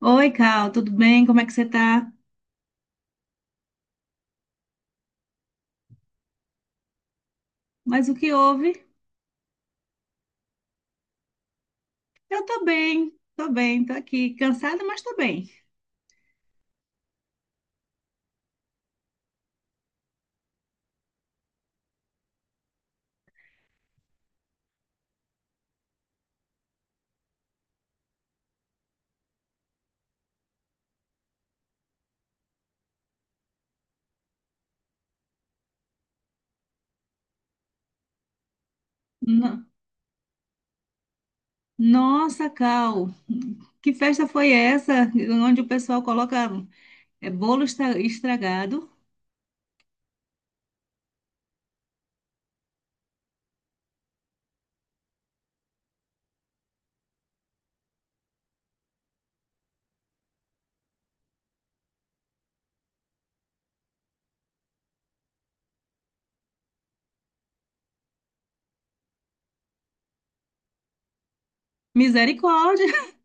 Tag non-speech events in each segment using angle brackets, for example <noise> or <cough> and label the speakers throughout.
Speaker 1: Oi, Cal, tudo bem? Como é que você tá? Mas o que houve? Eu tô bem, tô bem, tô aqui, cansada, mas tô bem. No- Nossa, Cal, que festa foi essa? Onde o pessoal coloca é, bolo estragado? Misericórdia! <laughs>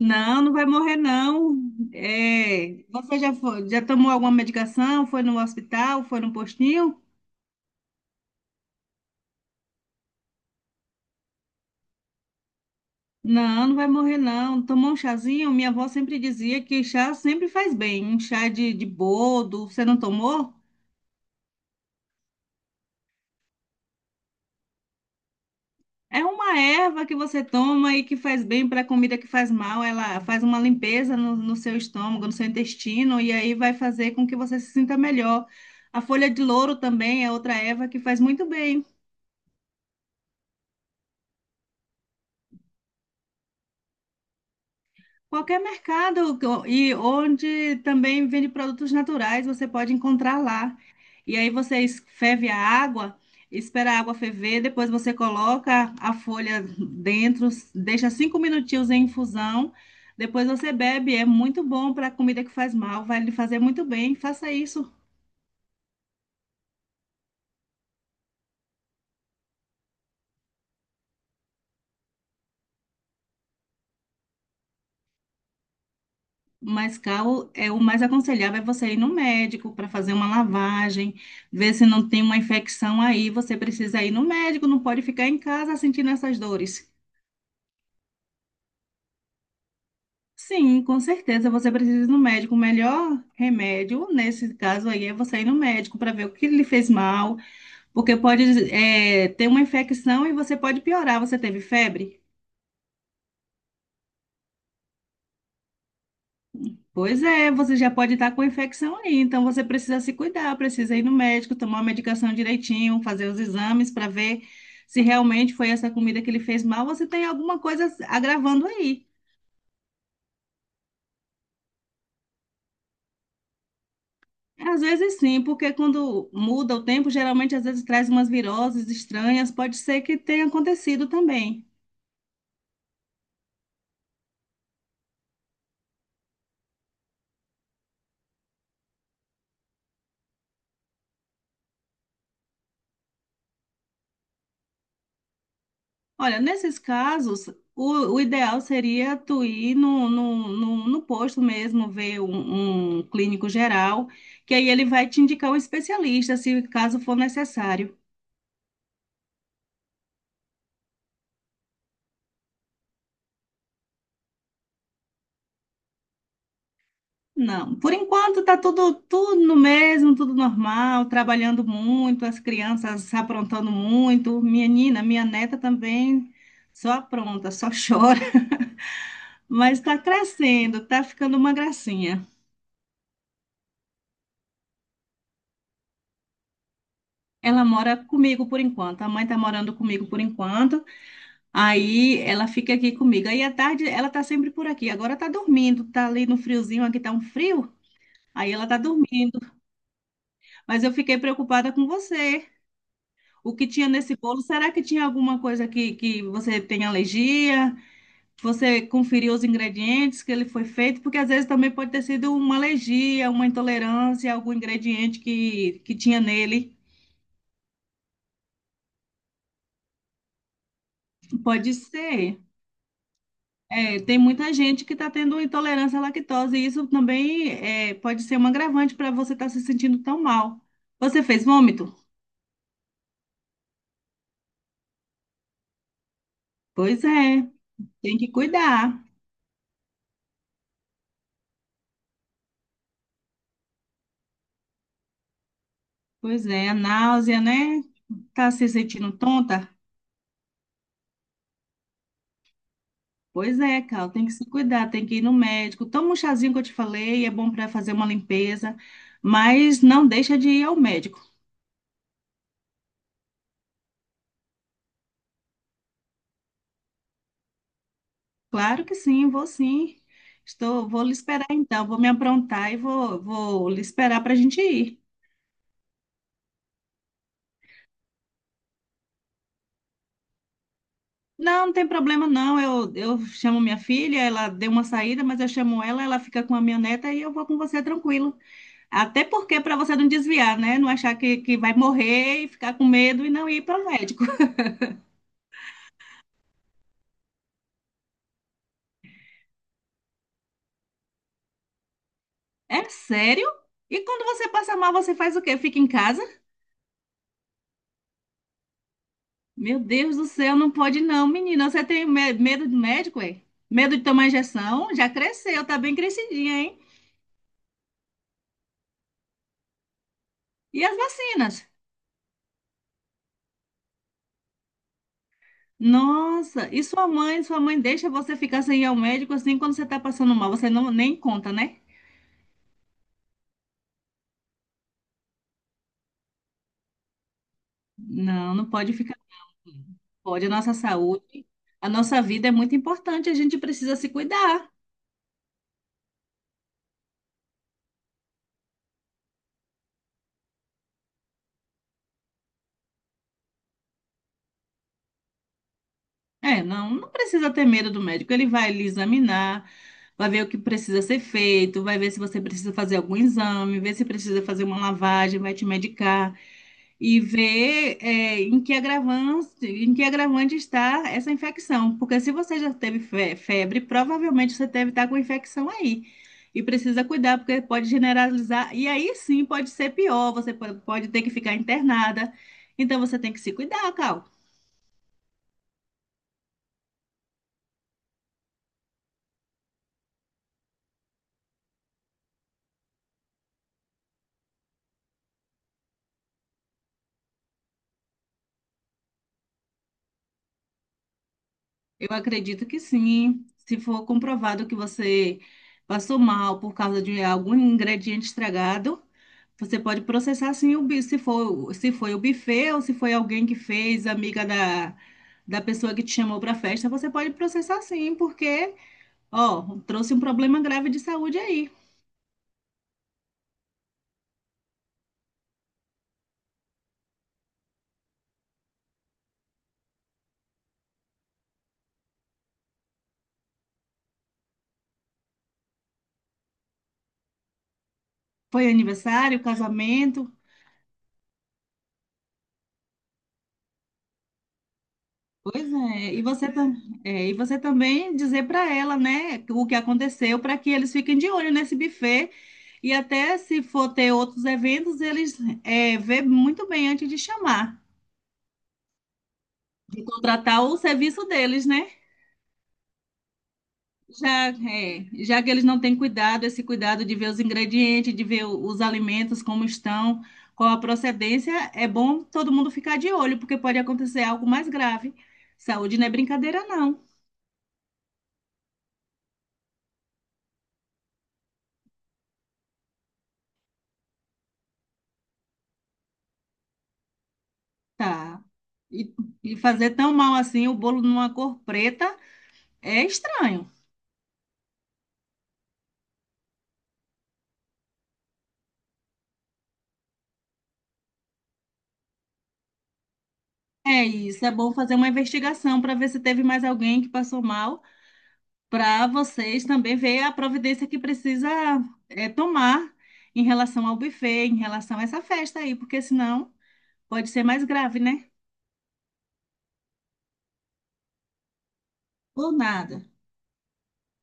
Speaker 1: Não, não vai morrer, não. É, você já tomou alguma medicação? Foi no hospital? Foi no postinho? Não, não vai morrer não. Tomar um chazinho, minha avó sempre dizia que chá sempre faz bem. Um chá de boldo, você não tomou? É uma erva que você toma e que faz bem para a comida que faz mal. Ela faz uma limpeza no seu estômago, no seu intestino, e aí vai fazer com que você se sinta melhor. A folha de louro também é outra erva que faz muito bem. Qualquer mercado e onde também vende produtos naturais, você pode encontrar lá. E aí você ferve a água, espera a água ferver, depois você coloca a folha dentro, deixa 5 minutinhos em infusão, depois você bebe. É muito bom para comida que faz mal, vai lhe fazer muito bem. Faça isso. Mas, Cal, o mais aconselhável é você ir no médico para fazer uma lavagem, ver se não tem uma infecção aí. Você precisa ir no médico, não pode ficar em casa sentindo essas dores. Sim, com certeza você precisa ir no médico. O melhor remédio nesse caso aí é você ir no médico para ver o que lhe fez mal, porque pode, ter uma infecção e você pode piorar. Você teve febre? Pois é, você já pode estar com infecção aí, então você precisa se cuidar, precisa ir no médico, tomar a medicação direitinho, fazer os exames para ver se realmente foi essa comida que ele fez mal você tem alguma coisa agravando aí. Às vezes sim, porque quando muda o tempo, geralmente às vezes traz umas viroses estranhas, pode ser que tenha acontecido também. Olha, nesses casos, o ideal seria tu ir no posto mesmo, ver um clínico geral, que aí ele vai te indicar um especialista, se caso for necessário. Não, por enquanto tá tudo no mesmo, tudo normal, trabalhando muito, as crianças aprontando muito, minha nina, minha neta também só apronta, só chora, <laughs> mas tá crescendo, tá ficando uma gracinha. Ela mora comigo por enquanto, a mãe tá morando comigo por enquanto. Aí ela fica aqui comigo. Aí à tarde ela tá sempre por aqui. Agora tá dormindo, tá ali no friozinho, aqui tá um frio. Aí ela tá dormindo. Mas eu fiquei preocupada com você. O que tinha nesse bolo? Será que tinha alguma coisa que você tem alergia? Você conferiu os ingredientes que ele foi feito? Porque às vezes também pode ter sido uma alergia, uma intolerância, algum ingrediente que tinha nele. Pode ser. É, tem muita gente que está tendo intolerância à lactose, e isso também pode ser um agravante para você estar se sentindo tão mal. Você fez vômito? Pois é, tem que cuidar. Pois é, a náusea, né? Tá se sentindo tonta? Pois é, Cal, tem que se cuidar, tem que ir no médico. Toma um chazinho que eu te falei, é bom para fazer uma limpeza, mas não deixa de ir ao médico. Claro que sim, vou sim. Estou, vou lhe esperar então, vou me aprontar e vou lhe esperar para a gente ir. Não, não tem problema não. Eu chamo minha filha, ela deu uma saída, mas eu chamo ela, ela fica com a minha neta e eu vou com você tranquilo. Até porque para você não desviar, né? Não achar que vai morrer e ficar com medo e não ir para o médico. <laughs> É sério? E quando você passa mal, você faz o quê? Fica em casa? Meu Deus do céu, não pode não, menina. Você tem medo de médico, é? Medo de tomar injeção? Já cresceu, tá bem crescidinha, hein? E as vacinas? Nossa, e sua mãe? Sua mãe deixa você ficar sem ir ao médico assim quando você está passando mal? Você não nem conta, né? Não, não pode ficar assim. Pode, a nossa saúde, a nossa vida é muito importante, a gente precisa se cuidar. É, não, não precisa ter medo do médico. Ele vai lhe examinar, vai ver o que precisa ser feito, vai ver se você precisa fazer algum exame, ver se precisa fazer uma lavagem, vai te medicar e ver, em que agravante está essa infecção. Porque se você já teve febre, provavelmente você deve estar com infecção aí. E precisa cuidar, porque pode generalizar. E aí sim pode ser pior, você pode ter que ficar internada. Então você tem que se cuidar, Cal. Eu acredito que sim. Se for comprovado que você passou mal por causa de algum ingrediente estragado, você pode processar sim o se for, se foi o buffet ou se foi alguém que fez, amiga da pessoa que te chamou para a festa, você pode processar sim, porque, ó, trouxe um problema grave de saúde aí. Foi aniversário, casamento? Pois é, e você, e você também dizer para ela, né, o que aconteceu, para que eles fiquem de olho nesse buffet e até se for ter outros eventos, eles vê muito bem antes de chamar, de contratar o serviço deles, né? Já, já que eles não têm cuidado, esse cuidado de ver os ingredientes, de ver os alimentos como estão, qual a procedência, é bom todo mundo ficar de olho, porque pode acontecer algo mais grave. Saúde não é brincadeira, não. Tá. E, e fazer tão mal assim o bolo numa cor preta é estranho. É isso, é bom fazer uma investigação para ver se teve mais alguém que passou mal, para vocês também ver a providência que precisa tomar em relação ao buffet, em relação a essa festa aí, porque senão pode ser mais grave, né? Ou nada.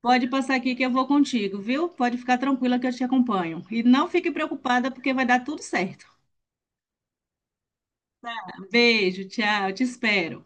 Speaker 1: Pode passar aqui que eu vou contigo, viu? Pode ficar tranquila que eu te acompanho. E não fique preocupada porque vai dar tudo certo. Beijo, tchau, te espero.